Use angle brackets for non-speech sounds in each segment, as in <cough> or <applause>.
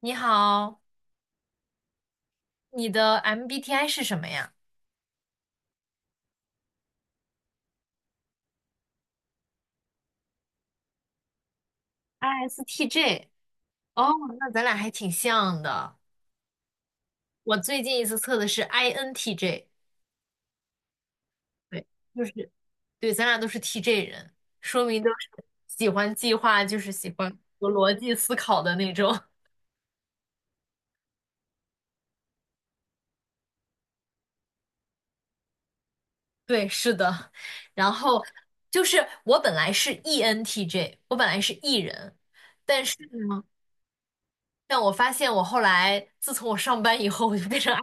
你好，你的 MBTI 是什么呀？ISTJ。哦，那咱俩还挺像的。我最近一次测的是 INTJ，对，就是，对，咱俩都是 TJ 人，说明都是喜欢计划，就是喜欢有逻辑思考的那种。<laughs> 对，是的。然后就是我本来是 ENTJ，我本来是 E 人，嗯但我发现我后来自从我上班以后，我就变成，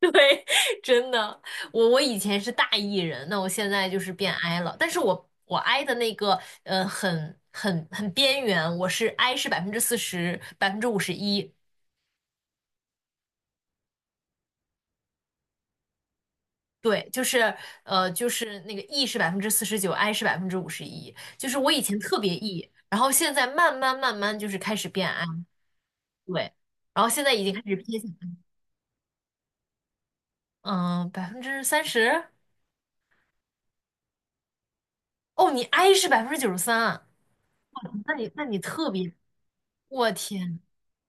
对，<laughs> 真的，我以前是大 E 人，那我现在就是变 I 了。但是我 I 的那个很边缘，我是 I 是百分之四十，百分之五十一。对，就是那个 E 是49%，I 是百分之五十一。就是我以前特别 E,然后现在慢慢慢慢就是开始变 I,对，然后现在已经开始偏向嗯30%。哦，你 I 是93%啊，那你特别，我天，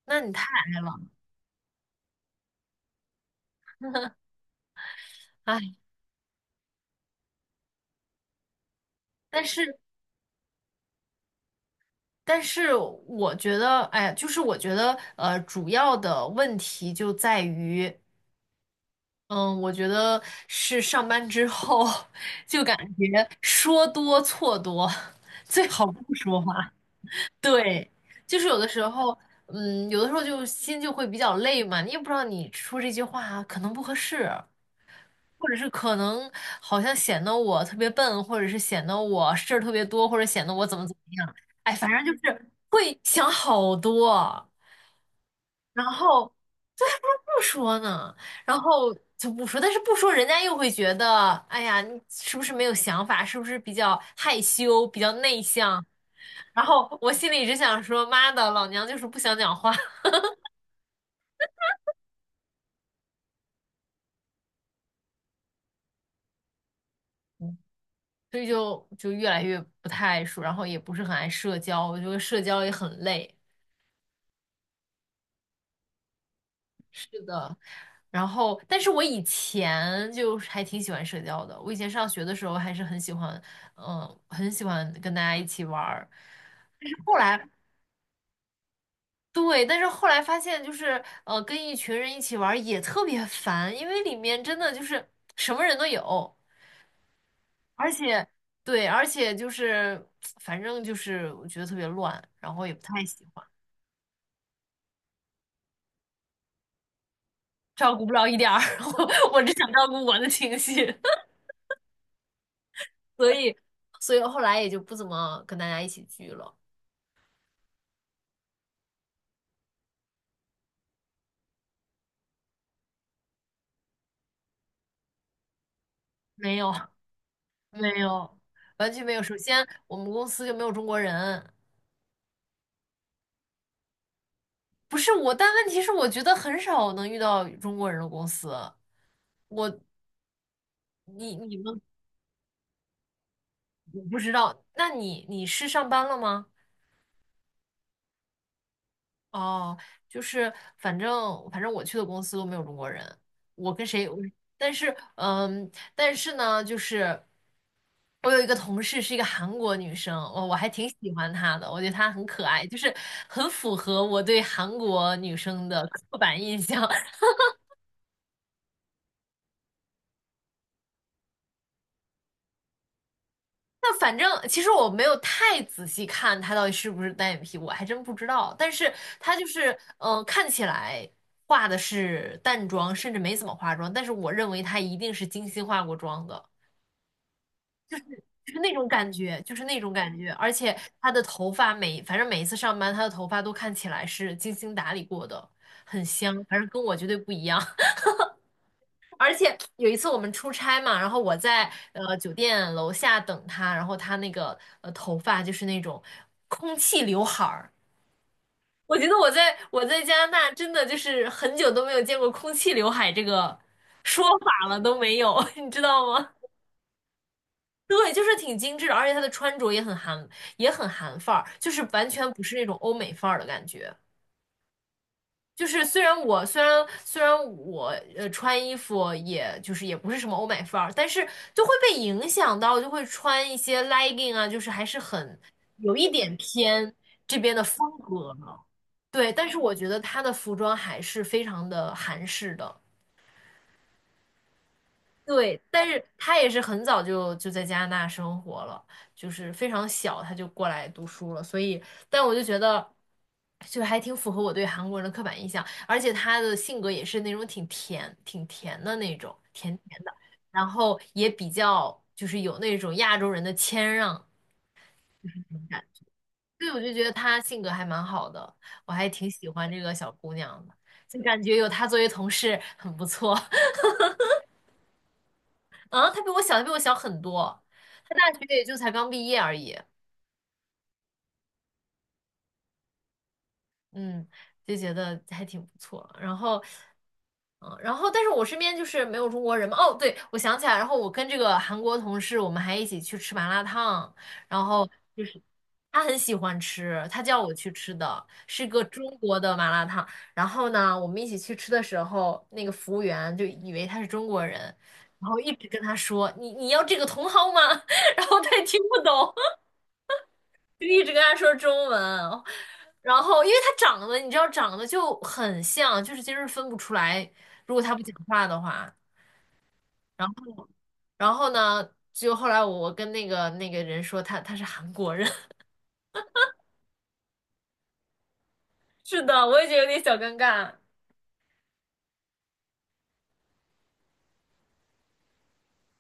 那你太矮了，哎，但是但是我觉得，哎，就是我觉得，主要的问题就在于，嗯，我觉得是上班之后 <laughs> 就感觉说多错多，最好不说话。对，就是有的时候，有的时候就心就会比较累嘛，你也不知道你说这句话可能不合适，或者是可能好像显得我特别笨，或者是显得我事儿特别多，或者显得我怎么怎么样，哎，反正就是会想好多，然后对，还不如不说呢，然后就不说，但是不说人家又会觉得，哎呀，你是不是没有想法，是不是比较害羞，比较内向？然后我心里只想说，妈的，老娘就是不想讲话。<laughs> 所以就越来越不太爱说，然后也不是很爱社交，我觉得社交也很累。呃。然后，但是我以前就是还挺喜欢社交的。我以前上学的时候还是很喜欢，很喜欢跟大家一起玩儿。后来，对，但是后来发现就是，跟一群人一起玩儿也特别烦，因为里面真的就是什么人都有，而且，对，而且就是，反正就是我觉得特别乱，然后也不太喜欢，照顾不了一点儿，<laughs> 我只想照顾我的情绪，<laughs> 所以，所以后来也就不怎么跟大家一起聚了，没有。没有，完全没有。首先，我们公司就没有中国人，不是我，但问题是，我觉得很少能遇到中国人的公司。我，你，你们，我不知道。那你，你是上班了吗？哦，就是反正我去的公司都没有中国人，我跟谁，但是呢，就是我有一个同事是一个韩国女生，我还挺喜欢她的，我觉得她很可爱，就是很符合我对韩国女生的刻板印象。那反正其实我没有太仔细看她到底是不是单眼皮，我还真不知道。但是她就是，看起来化的是淡妆，甚至没怎么化妆，但是我认为她一定是精心化过妆的，就是那种感觉，就是那种感觉。而且她的头发每，反正每一次上班，她的头发都看起来是精心打理过的，很香，反正跟我绝对不一样。而且有一次我们出差嘛，然后我在酒店楼下等他，然后他那个头发就是那种空气刘海儿，我觉得我在加拿大真的就是很久都没有见过空气刘海这个说法了，都没有，<laughs> 你知道吗？对，就是挺精致的，而且他的穿着也很韩，也很韩范儿，就是完全不是那种欧美范儿的感觉。就是虽然我穿衣服也就是也不是什么欧美范儿，但是就会被影响到，就会穿一些 legging 啊，就是还是很有一点偏这边的风格了。对，但是我觉得他的服装还是非常的韩式的。对，但是他也是很早就在加拿大生活了，就是非常小他就过来读书了，所以，但我就觉得，就还挺符合我对韩国人的刻板印象，而且他的性格也是那种挺甜、挺甜的那种，甜甜的，然后也比较就是有那种亚洲人的谦让感，所以我就觉得他性格还蛮好的，我还挺喜欢这个小姑娘的，就感觉有她作为同事很不错。啊，他比我小，他比我小很多，他大学也就才刚毕业而已，嗯，就觉得还挺不错。然后，但是我身边就是没有中国人嘛。哦，对，我想起来，然后我跟这个韩国同事，我们还一起去吃麻辣烫，然后就是他很喜欢吃，他叫我去吃的，是个中国的麻辣烫。然后呢，我们一起去吃的时候，那个服务员就以为他是中国人。然后一直跟他说：“你你要这个茼蒿吗？” <laughs> 然后他也听不懂。就一直跟他说中文，然后因为他长得，你知道长得就很像，就是其实分不出来，如果他不讲话的话。然后，然后呢就后来我跟那个人说他是韩国人，<laughs> 是的，我也觉得有点小尴尬。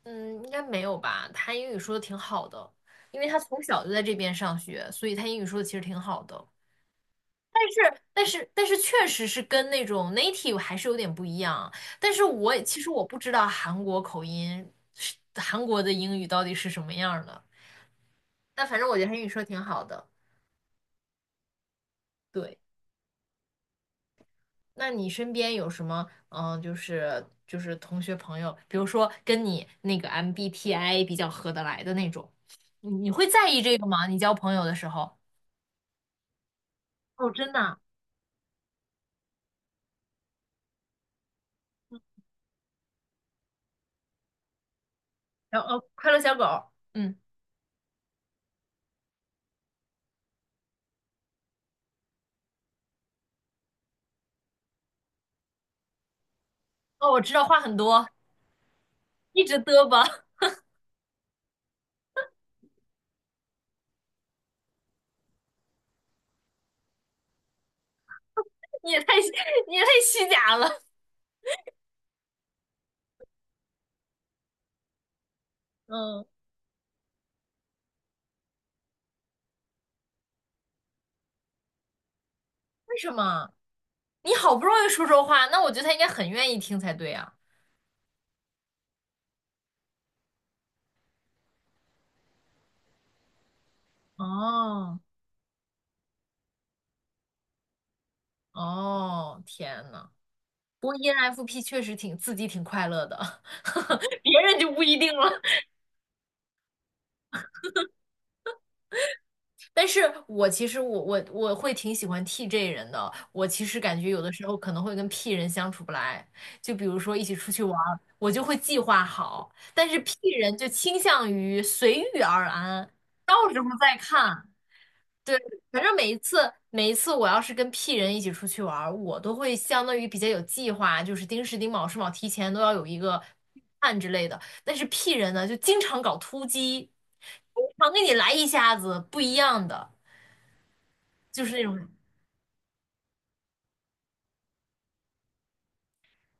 嗯，应该没有吧？他英语说的挺好的，因为他从小就在这边上学，所以他英语说的其实挺好的。是，但是确实是跟那种 native 还是有点不一样。但是我也其实我不知道韩国口音是韩国的英语到底是什么样儿的。但反正我觉得韩语说挺好的。对，那你身边有什么就是同学朋友，比如说跟你那个 MBTI 比较合得来的那种，你会在意这个吗？你交朋友的时候？哦，真的啊。然后哦，快乐小狗，嗯，哦，我知道话很多，一直嘚吧。你也太你也太虚假了。嗯，为什么？你好不容易说说话，那我觉得他应该很愿意听才对啊。哦哦，天呐，不过 ENFP 确实挺自己挺快乐的，<laughs> 别人就不一定了。但是我其实我我我会挺喜欢 TJ 人的，我其实感觉有的时候可能会跟 P 人相处不来，就比如说一起出去玩儿，我就会计划好，但是 P 人就倾向于随遇而安，到时候再看，对，反正每一次我要是跟 P 人一起出去玩儿，我都会相当于比较有计划，就是丁时丁卯是卯提前都要有一个 PL 之类的。但是 P 人呢，就经常搞突击，经常给你来一下子不一样的，就是那种。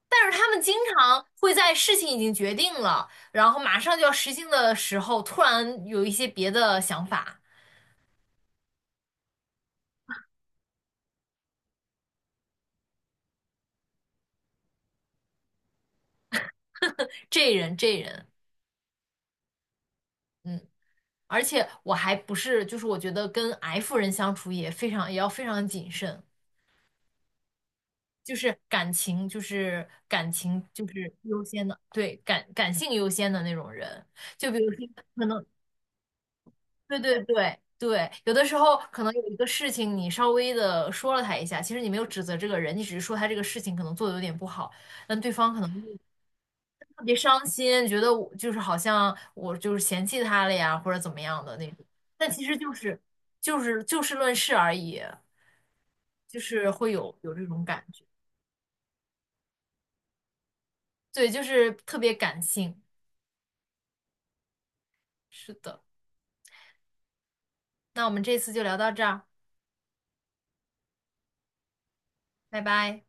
但是他们经常会在事情已经决定了，然后马上就要实行的时候，突然有一些别的想法。<laughs> 这人，嗯。而且我还不是，就是我觉得跟 F 人相处也非常，也要非常谨慎，就是感情，就是感情，就是优先的，对，感性优先的那种人。就比如说，可能对对对对，有的时候可能有一个事情，你稍微的说了他一下，其实你没有指责这个人，你只是说他这个事情可能做的有点不好，但对方可能会特别伤心，觉得我就是好像我就是嫌弃他了呀，或者怎么样的那种。但其实就是就事论事而已，就是会有这种感觉，对，就是特别感性。是的，那我们这次就聊到这儿，拜拜。